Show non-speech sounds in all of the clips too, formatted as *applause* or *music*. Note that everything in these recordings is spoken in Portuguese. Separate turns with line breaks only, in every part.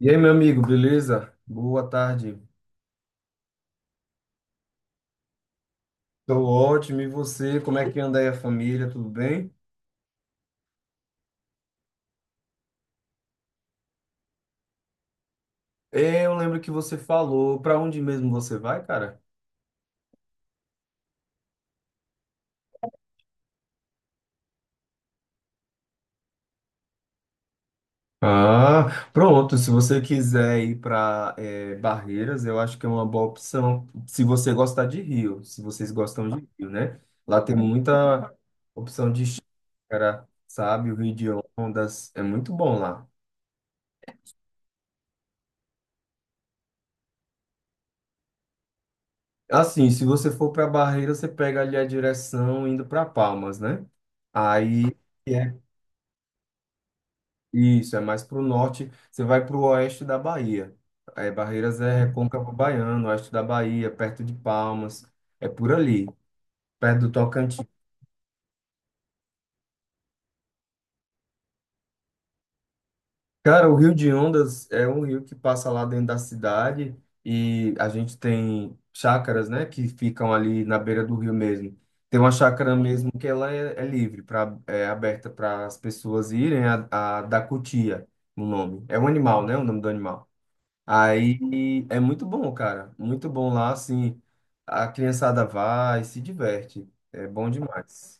E aí, meu amigo, beleza? Boa tarde. Tô ótimo. E você? Como é que anda aí a família? Tudo bem? É, eu lembro que você falou. Para onde mesmo você vai, cara? Ah, pronto. Se você quiser ir para Barreiras, eu acho que é uma boa opção. Se você gostar de Rio, se vocês gostam de Rio, né? Lá tem muita opção de chácara, sabe? O Rio de Ondas é muito bom lá. Assim, se você for para Barreira, você pega ali a direção indo para Palmas, né? Aí é isso, é mais para o norte, você vai para o oeste da Bahia. É, Barreiras é Recôncavo Baiano, oeste da Bahia, perto de Palmas, é por ali, perto do Tocantins. Cara, o Rio de Ondas é um rio que passa lá dentro da cidade e a gente tem chácaras, né, que ficam ali na beira do rio mesmo. Tem uma chácara mesmo que ela é livre, pra, é aberta para as pessoas irem, a da cutia, o nome. É um animal, né, o nome do animal. Aí é muito bom, cara, muito bom lá, assim, a criançada vai, se diverte, é bom demais.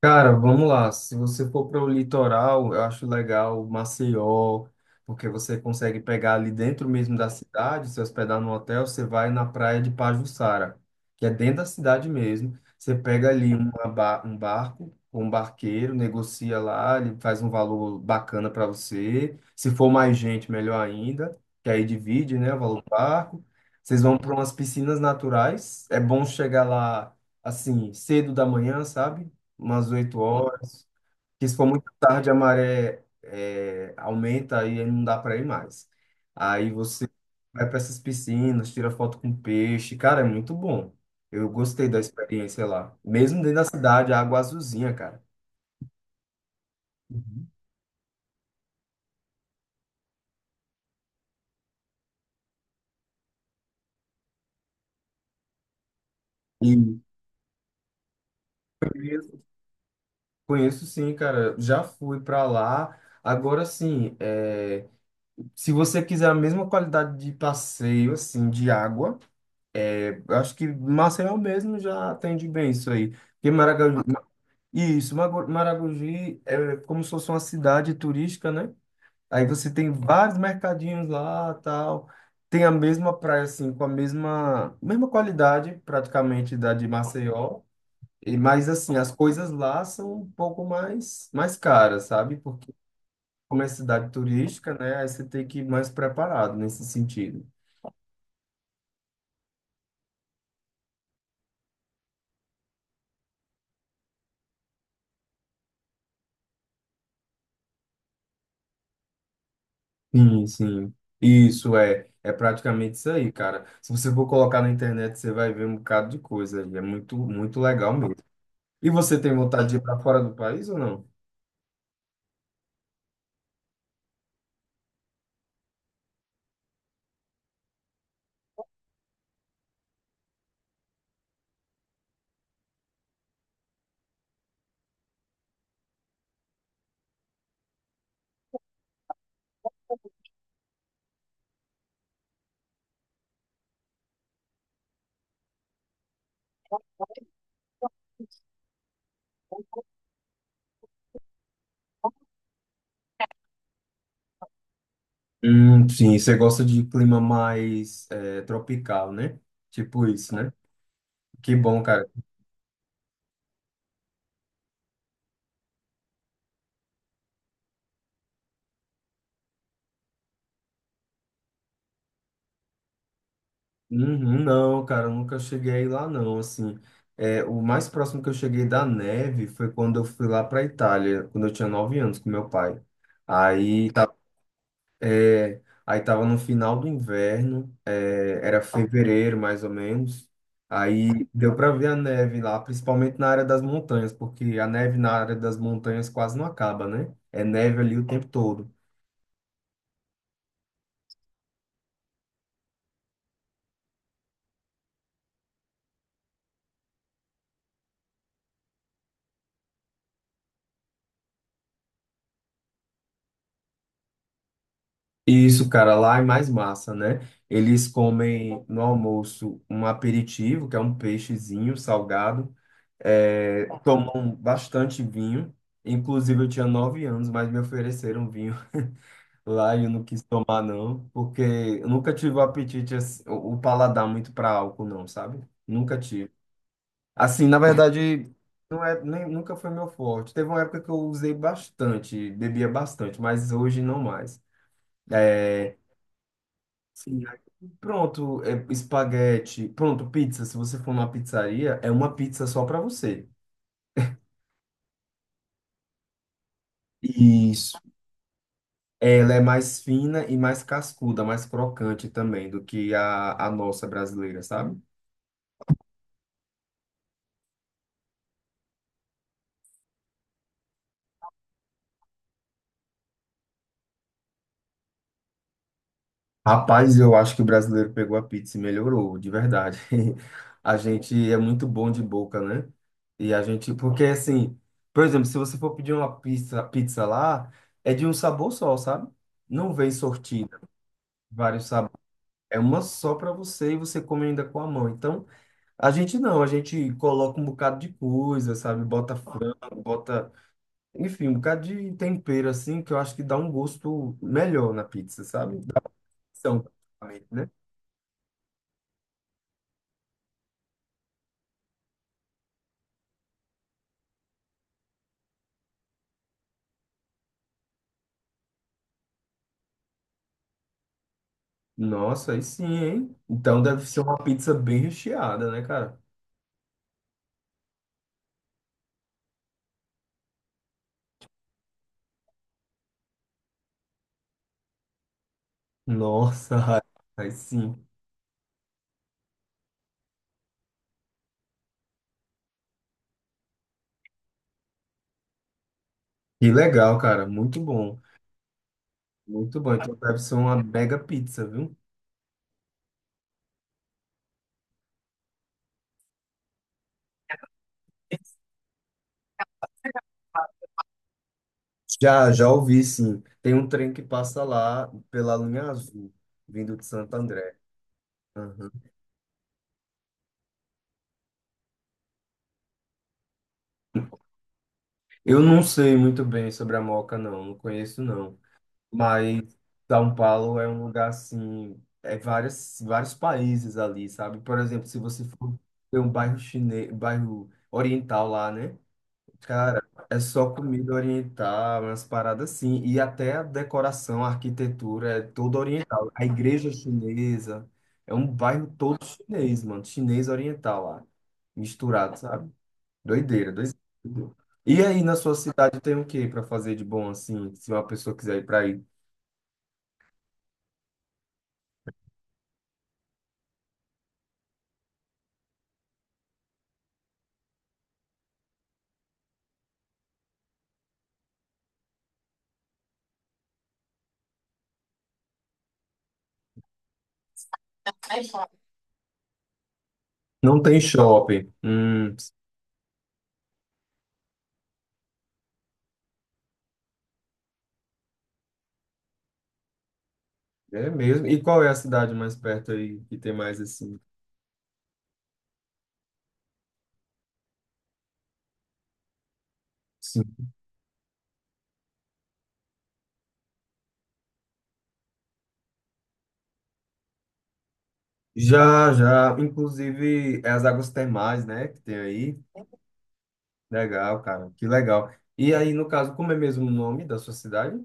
Cara, vamos lá. Se você for para o litoral, eu acho legal Maceió, porque você consegue pegar ali dentro mesmo da cidade, se hospedar no hotel, você vai na praia de Pajuçara, que é dentro da cidade mesmo. Você pega ali um barco com um barqueiro, negocia lá, ele faz um valor bacana para você. Se for mais gente, melhor ainda, que aí divide, né, o valor do barco. Vocês vão para umas piscinas naturais. É bom chegar lá assim, cedo da manhã, sabe? Umas 8 horas. Que se for muito tarde, a maré é, aumenta aí não dá para ir mais. Aí você vai para essas piscinas, tira foto com peixe. Cara, é muito bom. Eu gostei da experiência lá. Mesmo dentro da cidade, a água azulzinha, cara. Uhum. E conheço, conheço sim, cara. Já fui para lá. Agora sim, é, se você quiser a mesma qualidade de passeio, assim, de água, é, eu acho que Maceió mesmo já atende bem isso aí. Porque Maracanã, isso, Maragogi é como se fosse uma cidade turística, né? Aí você tem vários mercadinhos lá, tal. Tem a mesma praia, assim, com a mesma, mesma qualidade, praticamente, da de Maceió. E, mas, assim, as coisas lá são um pouco mais, mais caras, sabe? Porque como é cidade turística, né? Aí você tem que ir mais preparado nesse sentido. Sim, sim. Isso é, é praticamente isso aí, cara. Se você for colocar na internet, você vai ver um bocado de coisa aí. É muito, muito legal mesmo. E você tem vontade de ir para fora do país ou não? Sim, você gosta de clima mais é, tropical, né? Tipo isso, né? Que bom, cara. Uhum, não, cara, eu nunca cheguei aí lá, não. Assim, é, o mais próximo que eu cheguei da neve foi quando eu fui lá para Itália, quando eu tinha 9 anos com meu pai. Aí é, aí tava no final do inverno, eh, era fevereiro mais ou menos. Aí deu para ver a neve lá, principalmente na área das montanhas, porque a neve na área das montanhas quase não acaba, né? É neve ali o tempo todo. E isso, cara, lá é mais massa, né? Eles comem no almoço um aperitivo, que é um peixezinho salgado, eh, tomam bastante vinho. Inclusive, eu tinha 9 anos, mas me ofereceram vinho. *laughs* Lá eu não quis tomar, não, porque eu nunca tive o apetite, assim, o paladar muito para álcool, não, sabe? Nunca tive. Assim, na verdade, não é, nem, nunca foi meu forte. Teve uma época que eu usei bastante, bebia bastante, mas hoje não mais. É, sim. Aí, pronto, é, espaguete, pronto, pizza. Se você for numa pizzaria, é uma pizza só para você. Isso. Ela é mais fina e mais cascuda, mais crocante também do que a nossa brasileira, sabe? Rapaz, eu acho que o brasileiro pegou a pizza e melhorou, de verdade. *laughs* A gente é muito bom de boca, né? E a gente, porque assim, por exemplo, se você for pedir uma pizza, pizza lá, é de um sabor só, sabe? Não vem sortida, vários sabores. É uma só para você e você come ainda com a mão. Então, a gente não, a gente coloca um bocado de coisa, sabe? Bota frango, bota, enfim, um bocado de tempero assim, que eu acho que dá um gosto melhor na pizza, sabe? Dá opção, né? Nossa, aí sim, hein? Então deve ser uma pizza bem recheada, né, cara? Nossa, *laughs* aí sim. Que legal, cara. Muito bom. Muito bom. Então deve ser uma mega pizza, viu? Já, já ouvi, sim. Tem um trem que passa lá pela linha azul, vindo de Santo André. Aham. Eu não sei muito bem sobre a Moca, não. Não conheço, não. Mas São Paulo é um lugar assim, é vários países ali, sabe? Por exemplo, se você for ver um bairro chinês, bairro oriental lá, né? Cara, é só comida oriental, umas paradas assim, e até a decoração, a arquitetura é toda oriental. A igreja chinesa é um bairro todo chinês, mano, chinês oriental lá, misturado, sabe? Doideira, doideira. E aí, na sua cidade tem o que para fazer de bom assim, se uma pessoa quiser ir para aí? Não tem shopping. É mesmo. E qual é a cidade mais perto aí que tem mais assim? Sim. Já, já. Inclusive, é as águas termais, né? Que tem aí. Legal, cara. Que legal. E aí, no caso, como é mesmo o nome da sua cidade?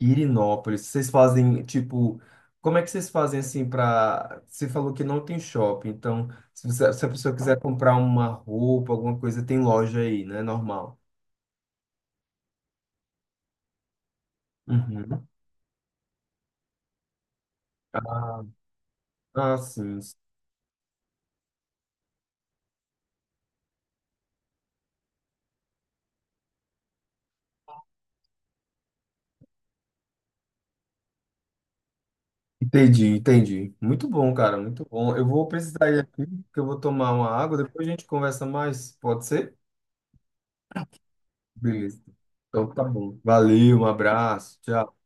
Irinópolis. Vocês fazem, tipo, como é que vocês fazem assim para. Você falou que não tem shopping. Então, se você- se a pessoa quiser comprar uma roupa, alguma coisa, tem loja aí, né? Normal. Uhum. Ah, ah, sim, sim. Entendi, entendi. Muito bom, cara, muito bom. Eu vou precisar ir aqui, que eu vou tomar uma água, depois a gente conversa mais, pode ser? Beleza. Então tá bom. Valeu, um abraço, tchau.